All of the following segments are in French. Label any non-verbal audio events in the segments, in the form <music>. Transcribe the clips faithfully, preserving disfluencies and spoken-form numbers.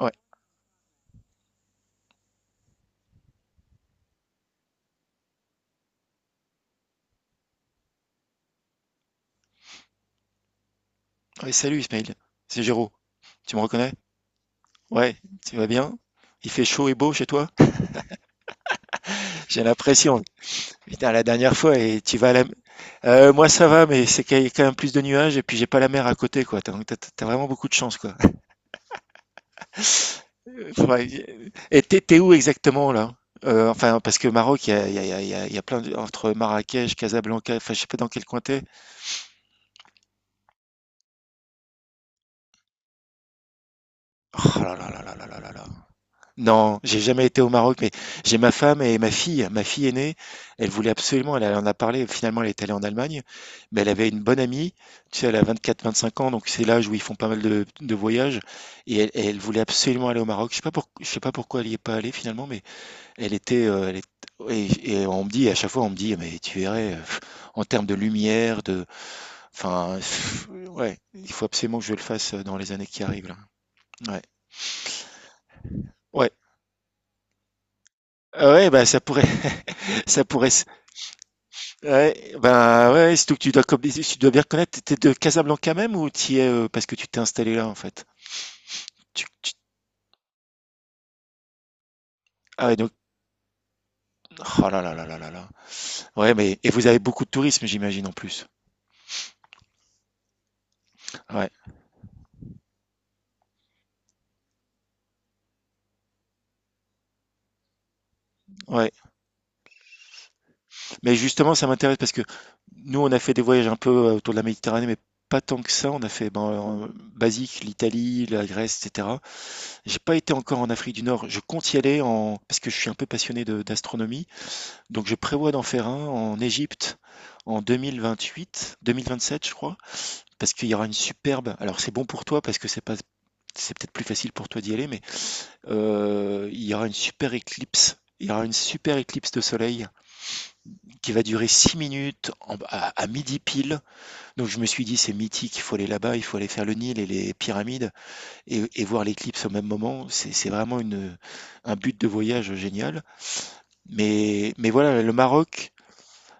Ouais. Ouais, salut Ismail, c'est Géraud. Tu me reconnais? Ouais, tu vas bien? Il fait chaud et beau chez toi? J'ai l'impression. Putain, la dernière fois, et tu vas à la. Euh, moi ça va, mais c'est qu'il y a quand même plus de nuages et puis j'ai pas la mer à côté, quoi. Donc t'as, t'as- t'as vraiment beaucoup de chance, quoi. <laughs> Ouais. Et t'es, t'es où exactement, là? Euh, enfin, parce que Maroc, il y a, il y a- il y a- il y a- il y a plein de. Entre Marrakech, Casablanca, enfin, je sais pas dans quel coin t'es. Oh là là là là là là là là. Non, j'ai jamais été au Maroc, mais j'ai ma femme et ma fille. Ma fille aînée, elle voulait absolument, elle en a parlé, finalement elle est allée en Allemagne, mais elle avait une bonne amie, tu sais, elle a vingt-quatre à vingt-cinq ans, donc c'est l'âge où ils font pas mal de, de voyages, et elle, elle voulait absolument aller au Maroc. Je sais pas pour- je sais pas pourquoi elle y est pas allée finalement, mais elle était, euh, elle est-. et, et on me dit, à chaque fois on me dit, mais tu verrais, euh, pff, en termes de lumière, de, enfin, pff, ouais, il faut absolument que je le fasse euh, dans les années qui arrivent là. Ouais, ouais. Ah ouais, bah ça pourrait, <laughs> ça pourrait. Ouais, ben ouais, ouais, surtout que tu dois, comme, tu dois bien connaître, t'es de Casablanca même ou t'y es euh, parce que tu t'es installé là en fait? Tu, tu- Ah ouais, donc, oh là là là là là là. Ouais, mais et vous avez beaucoup de tourisme, j'imagine en plus. Ouais, ouais. Mais justement, ça m'intéresse parce que nous, on a fait des voyages un peu euh, autour de la Méditerranée, mais pas tant que ça. On a fait ben, euh, basique l'Italie, la Grèce, et cetera. J'ai pas été encore en Afrique du Nord. Je compte y aller en parce que je suis un peu passionné de- d'astronomie. Donc je prévois d'en faire un en Égypte en deux mille vingt-huit, deux mille vingt-sept je crois, parce qu'il y aura une superbe. Alors c'est bon pour toi parce que c'est pas, c'est peut-être plus facile pour toi d'y aller, mais euh, il y aura une super éclipse. Il y aura une super éclipse de soleil qui va durer six minutes en- à, à midi pile. Donc je me suis dit c'est mythique, il faut aller là-bas, il faut aller faire le Nil et les pyramides et, et voir l'éclipse au même moment. C'est c'est vraiment une, un but de voyage génial. Mais, mais voilà, le Maroc,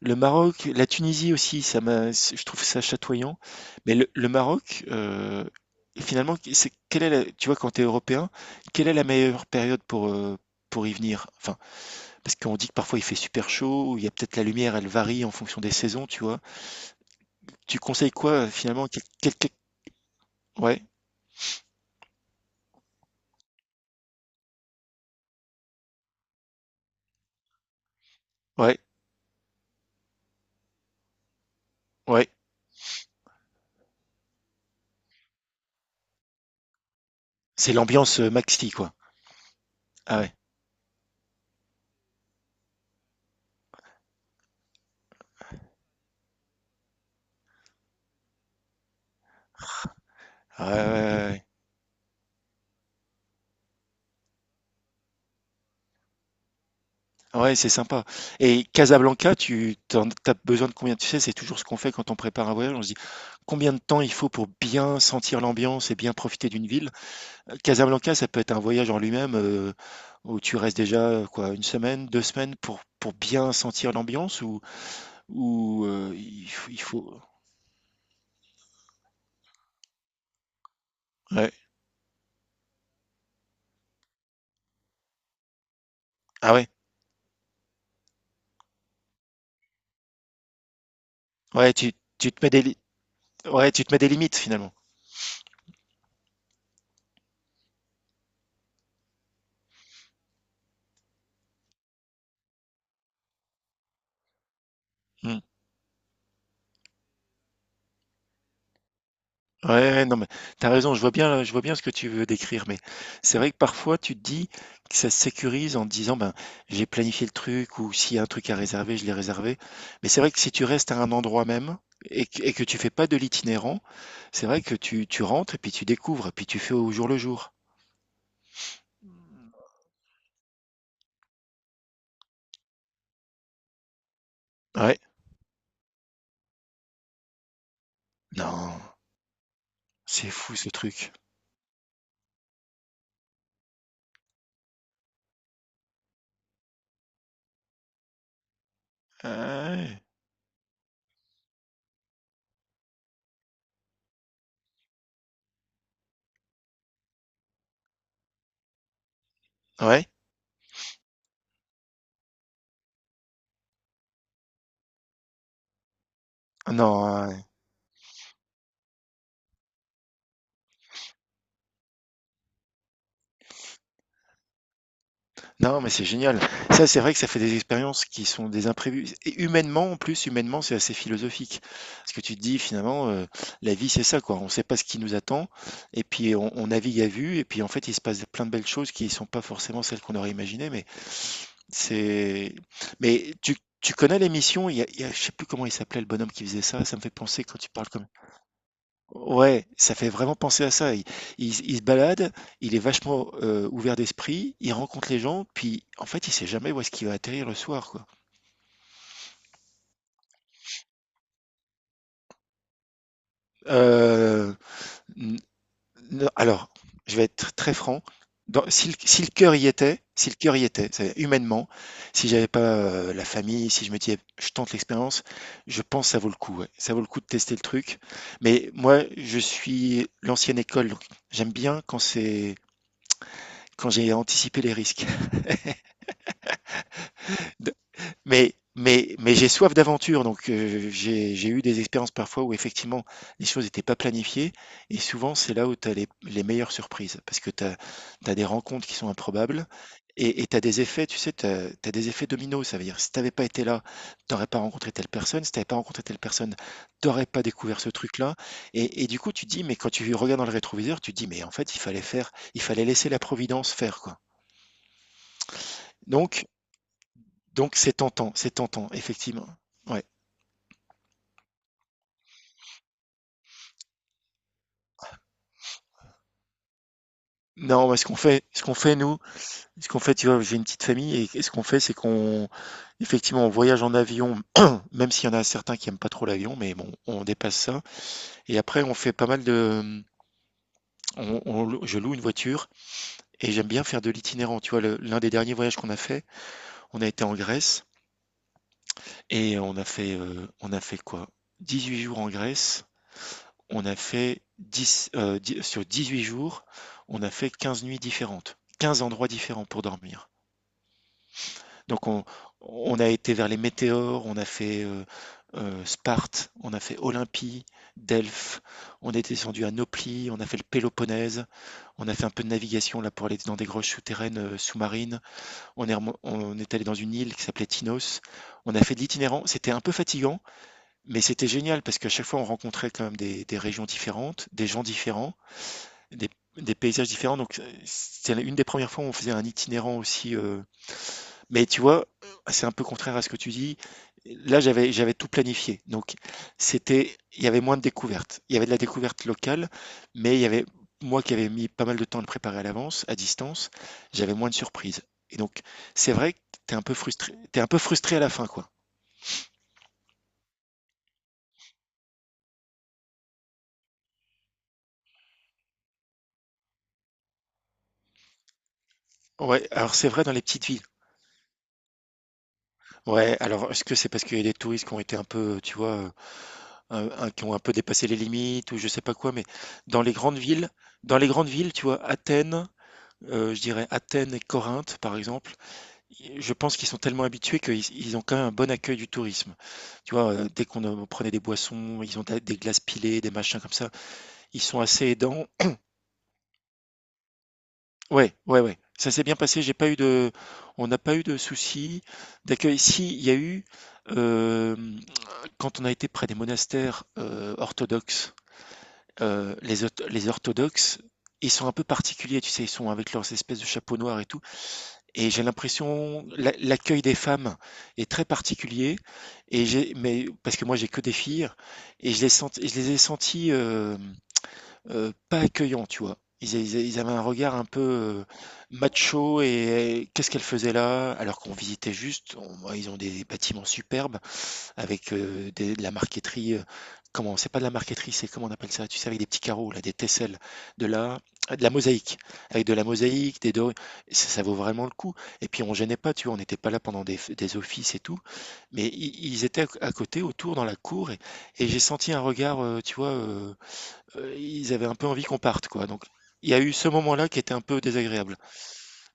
Le Maroc, la Tunisie aussi, ça m'a, je trouve ça chatoyant. Mais le, le Maroc, euh, finalement, c'est, quelle est la- tu vois, quand tu es européen, quelle est la meilleure période pour, euh, pour y venir? Enfin, parce qu'on dit que parfois il fait super chaud, ou il y a peut-être la lumière, elle varie en fonction des saisons, tu vois. Tu conseilles quoi, euh, finalement? quel- quel- quel- Ouais, ouais, ouais. C'est l'ambiance euh, maxi, quoi. Ah ouais. Ah ouais, ouais, ouais, ouais. Ouais, c'est sympa. Et Casablanca, tu t'en, t'as besoin de combien? Tu sais, c'est toujours ce qu'on fait quand on prépare un voyage. On se dit combien de temps il faut pour bien sentir l'ambiance et bien profiter d'une ville. Euh, Casablanca, ça peut être un voyage en lui-même euh, où tu restes déjà euh, quoi, une semaine, deux semaines pour, pour bien sentir l'ambiance ou, ou euh, il, f- il faut. Ouais. Ah ouais. Ouais, tu, tu te mets des, li- ouais, tu te mets des limites finalement. Hmm. Ouais, ouais, non, mais t'as raison, je vois bien, je vois bien ce que tu veux décrire, mais c'est vrai que parfois tu te dis que ça se sécurise en te disant ben j'ai planifié le truc ou s'il y a un truc à réserver, je l'ai réservé. Mais c'est vrai que si tu restes à un endroit même et que, et que tu fais pas de l'itinérant, c'est vrai que tu, tu rentres et puis tu découvres et puis tu fais au jour le jour. Ouais. Non, c'est fou ce truc. Ouais. Ouais. Non. Ouais. Non, mais c'est génial. Ça, c'est vrai que ça fait des expériences qui sont des imprévus. Et humainement, en plus, humainement, c'est assez philosophique. Parce que tu te dis, finalement, euh, la vie, c'est ça, quoi. On ne sait pas ce qui nous attend. Et puis, on, on navigue à vue. Et puis, en fait, il se passe plein de belles choses qui ne sont pas forcément celles qu'on aurait imaginées. Mais c'est. Mais tu, tu connais l'émission? Il y a, il y a- je sais plus comment il s'appelait, le bonhomme qui faisait ça. Ça me fait penser quand tu parles comme. Ouais, ça fait vraiment penser à ça. Il, il se il se balade, il est vachement euh, ouvert d'esprit, il rencontre les gens, puis en fait, il sait jamais où est-ce qu'il va atterrir le soir, quoi. Euh, n- n- alors, je vais être très franc. Dans- si, le, si le cœur y était, si le cœur y était, c'est-à-dire humainement, si j'avais pas euh, la famille, si je me disais, je tente l'expérience, je pense que ça vaut le coup. Ouais. Ça vaut le coup de tester le truc. Mais moi, je suis l'ancienne école, donc j'aime bien quand c'est quand j'ai anticipé les risques. <laughs> Mais, mais, mais j'ai soif d'aventure, donc euh, j'ai, j'ai eu des expériences parfois où effectivement les choses n'étaient pas planifiées, et souvent c'est là où tu as les, les meilleures surprises, parce que tu as, des rencontres qui sont improbables, et tu as des effets, tu sais, tu as, des effets dominos, ça veut dire si tu n'avais pas été là, tu n'aurais pas rencontré telle personne, si tu n'avais pas rencontré telle personne, tu n'aurais pas découvert ce truc-là, et, et du coup tu dis, mais quand tu regardes dans le rétroviseur, tu dis, mais en fait il fallait faire, il fallait laisser la providence faire, quoi. Donc, donc c'est tentant, c'est tentant, effectivement. Ouais. Non, mais ce qu'on fait, ce qu'on fait nous, ce qu'on fait, tu vois, j'ai une petite famille et, et ce qu'on fait, c'est qu'on, effectivement, on voyage en avion, <clears throat> même s'il y en a certains qui aiment pas trop l'avion, mais bon, on dépasse ça. Et après, on fait pas mal de, on- on lou- je loue une voiture et j'aime bien faire de l'itinérant. Tu vois, le- l'un des derniers voyages qu'on a fait, on a été en Grèce et on a fait, euh, on a fait quoi? Dix-huit jours en Grèce. On a fait dix, euh, dix sur dix-huit jours, on a fait quinze nuits différentes, quinze endroits différents pour dormir. Donc on, on a été vers les météores, on a fait euh, euh, Sparte, on a fait Olympie, Delphes, on est descendu à Nauplie, on a fait le Péloponnèse, on a fait un peu de navigation là pour aller dans des grottes souterraines euh, sous-marines, on est, remo- on est allé dans une île qui s'appelait Tinos, on a fait de l'itinérant, c'était un peu fatigant, mais c'était génial parce qu'à chaque fois on rencontrait quand même des, des régions différentes, des gens différents, des, des paysages différents, donc euh, c'est une des premières fois où on faisait un itinérant aussi. Euh, mais tu vois, c'est un peu contraire à ce que tu dis. Là, j'avais j'avais tout planifié. Donc, c'était, il y avait moins de découvertes. Il y avait de la découverte locale, mais il y avait moi qui avais mis pas mal de temps à le préparer à l'avance, à distance, j'avais moins de surprises. Et donc, c'est vrai que t'es un peu frustré, t'es un peu frustré à la fin, quoi. Ouais, alors c'est vrai dans les petites villes. Ouais, alors est-ce que c'est parce qu'il y a des touristes qui ont été un peu, tu vois, euh, un- un- qui ont un peu dépassé les limites ou je sais pas quoi, mais dans les grandes villes, dans les grandes villes, tu vois, Athènes, euh, je dirais Athènes et Corinthe, par exemple, je pense qu'ils sont tellement habitués qu'ils ils ont quand même un bon accueil du tourisme. Tu vois, euh, dès qu'on euh, prenait des boissons, ils ont des des glaces pilées, des machins comme ça. Ils sont assez aidants. Ouais, ouais, ouais. Ça s'est bien passé. J'ai pas eu de, on n'a pas eu de soucis d'accueil. Si, il y a eu euh, quand on a été près des monastères euh, orthodoxes, euh, les, orth- les orthodoxes, ils sont un peu particuliers. Tu sais, ils sont avec leurs espèces de chapeaux noirs et tout. Et j'ai l'impression l'a l'accueil des femmes est très particulier et j'ai mais parce que moi j'ai que des filles et je les senti, je les ai sentis euh, euh, pas accueillants, tu vois. Ils, a- ils a- ils avaient un regard un peu euh, macho et euh, qu'est-ce qu'elles faisaient là? Alors qu'on visitait juste, on- ils ont des bâtiments superbes avec euh, des- de la marqueterie. Euh, comment, c'est pas de la marqueterie, c'est comment on appelle ça, tu sais, avec des petits carreaux, là, des tesselles, de la, de la, mosaïque, avec de la mosaïque, des dorures. Ça, ça vaut vraiment le coup. Et puis on gênait pas, tu vois, on n'était pas là pendant des, des offices et tout, mais i- ils étaient à côté, autour, dans la cour, et, et j'ai senti un regard, euh, tu vois, euh, euh, ils avaient un peu envie qu'on parte, quoi. Donc il y a eu ce moment-là qui était un peu désagréable.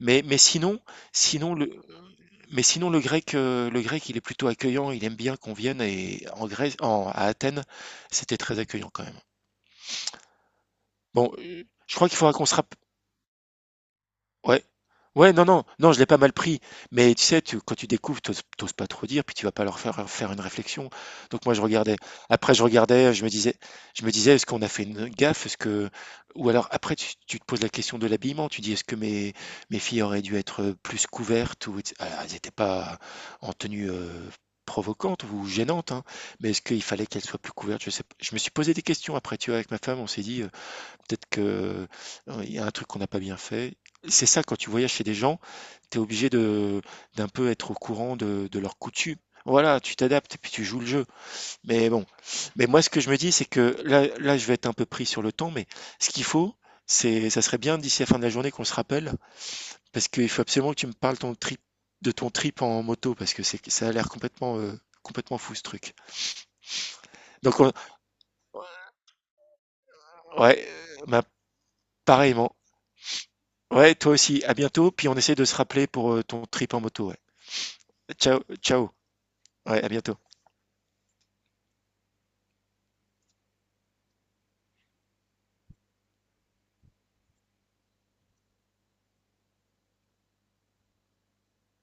Mais, mais sinon, sinon le, mais sinon, le grec, heu, le grec, il est plutôt accueillant, il aime bien qu'on vienne et en Grèce en à Athènes, c'était très accueillant quand même. Bon, heu, je crois qu'il faudra qu'on se rapp. Ouais. Ouais, non, non, non, je l'ai pas mal pris. Mais tu sais, tu, quand tu découvres, t'oses, t'oses pas trop dire, puis tu vas pas leur faire faire une réflexion. Donc moi, je regardais. Après, je regardais, je me disais, je me disais, est-ce qu'on a fait une gaffe? Est-ce que, ou alors après, tu, tu te poses la question de l'habillement. Tu dis, est-ce que mes, mes filles auraient dû être plus couvertes ou et cetera. Alors, elles n'étaient pas en tenue euh, provocante ou gênante, hein, mais est-ce qu'il fallait qu'elles soient plus couvertes? Je sais pas. Je me suis posé des questions après, tu vois, avec ma femme, on s'est dit. euh, Peut-être que, heu, il y a un truc qu'on n'a pas bien fait. C'est ça quand tu voyages chez des gens, tu es obligé de d'un peu être au courant de de leurs coutumes. Voilà, tu t'adaptes et puis tu joues le jeu. Mais bon, mais moi ce que je me dis, c'est que là là je vais être un peu pris sur le temps, mais ce qu'il faut, c'est ça serait bien d'ici la fin de la journée qu'on se rappelle, parce qu'il faut absolument que tu me parles ton trip de ton trip en moto parce que c'est ça a l'air complètement, heu, complètement fou ce truc. Donc on. Ouais, euh, bah, pareillement. Ouais, toi aussi. À bientôt. Puis on essaie de se rappeler pour euh, ton trip en moto. Ouais. Ciao, ciao. Ouais, à bientôt.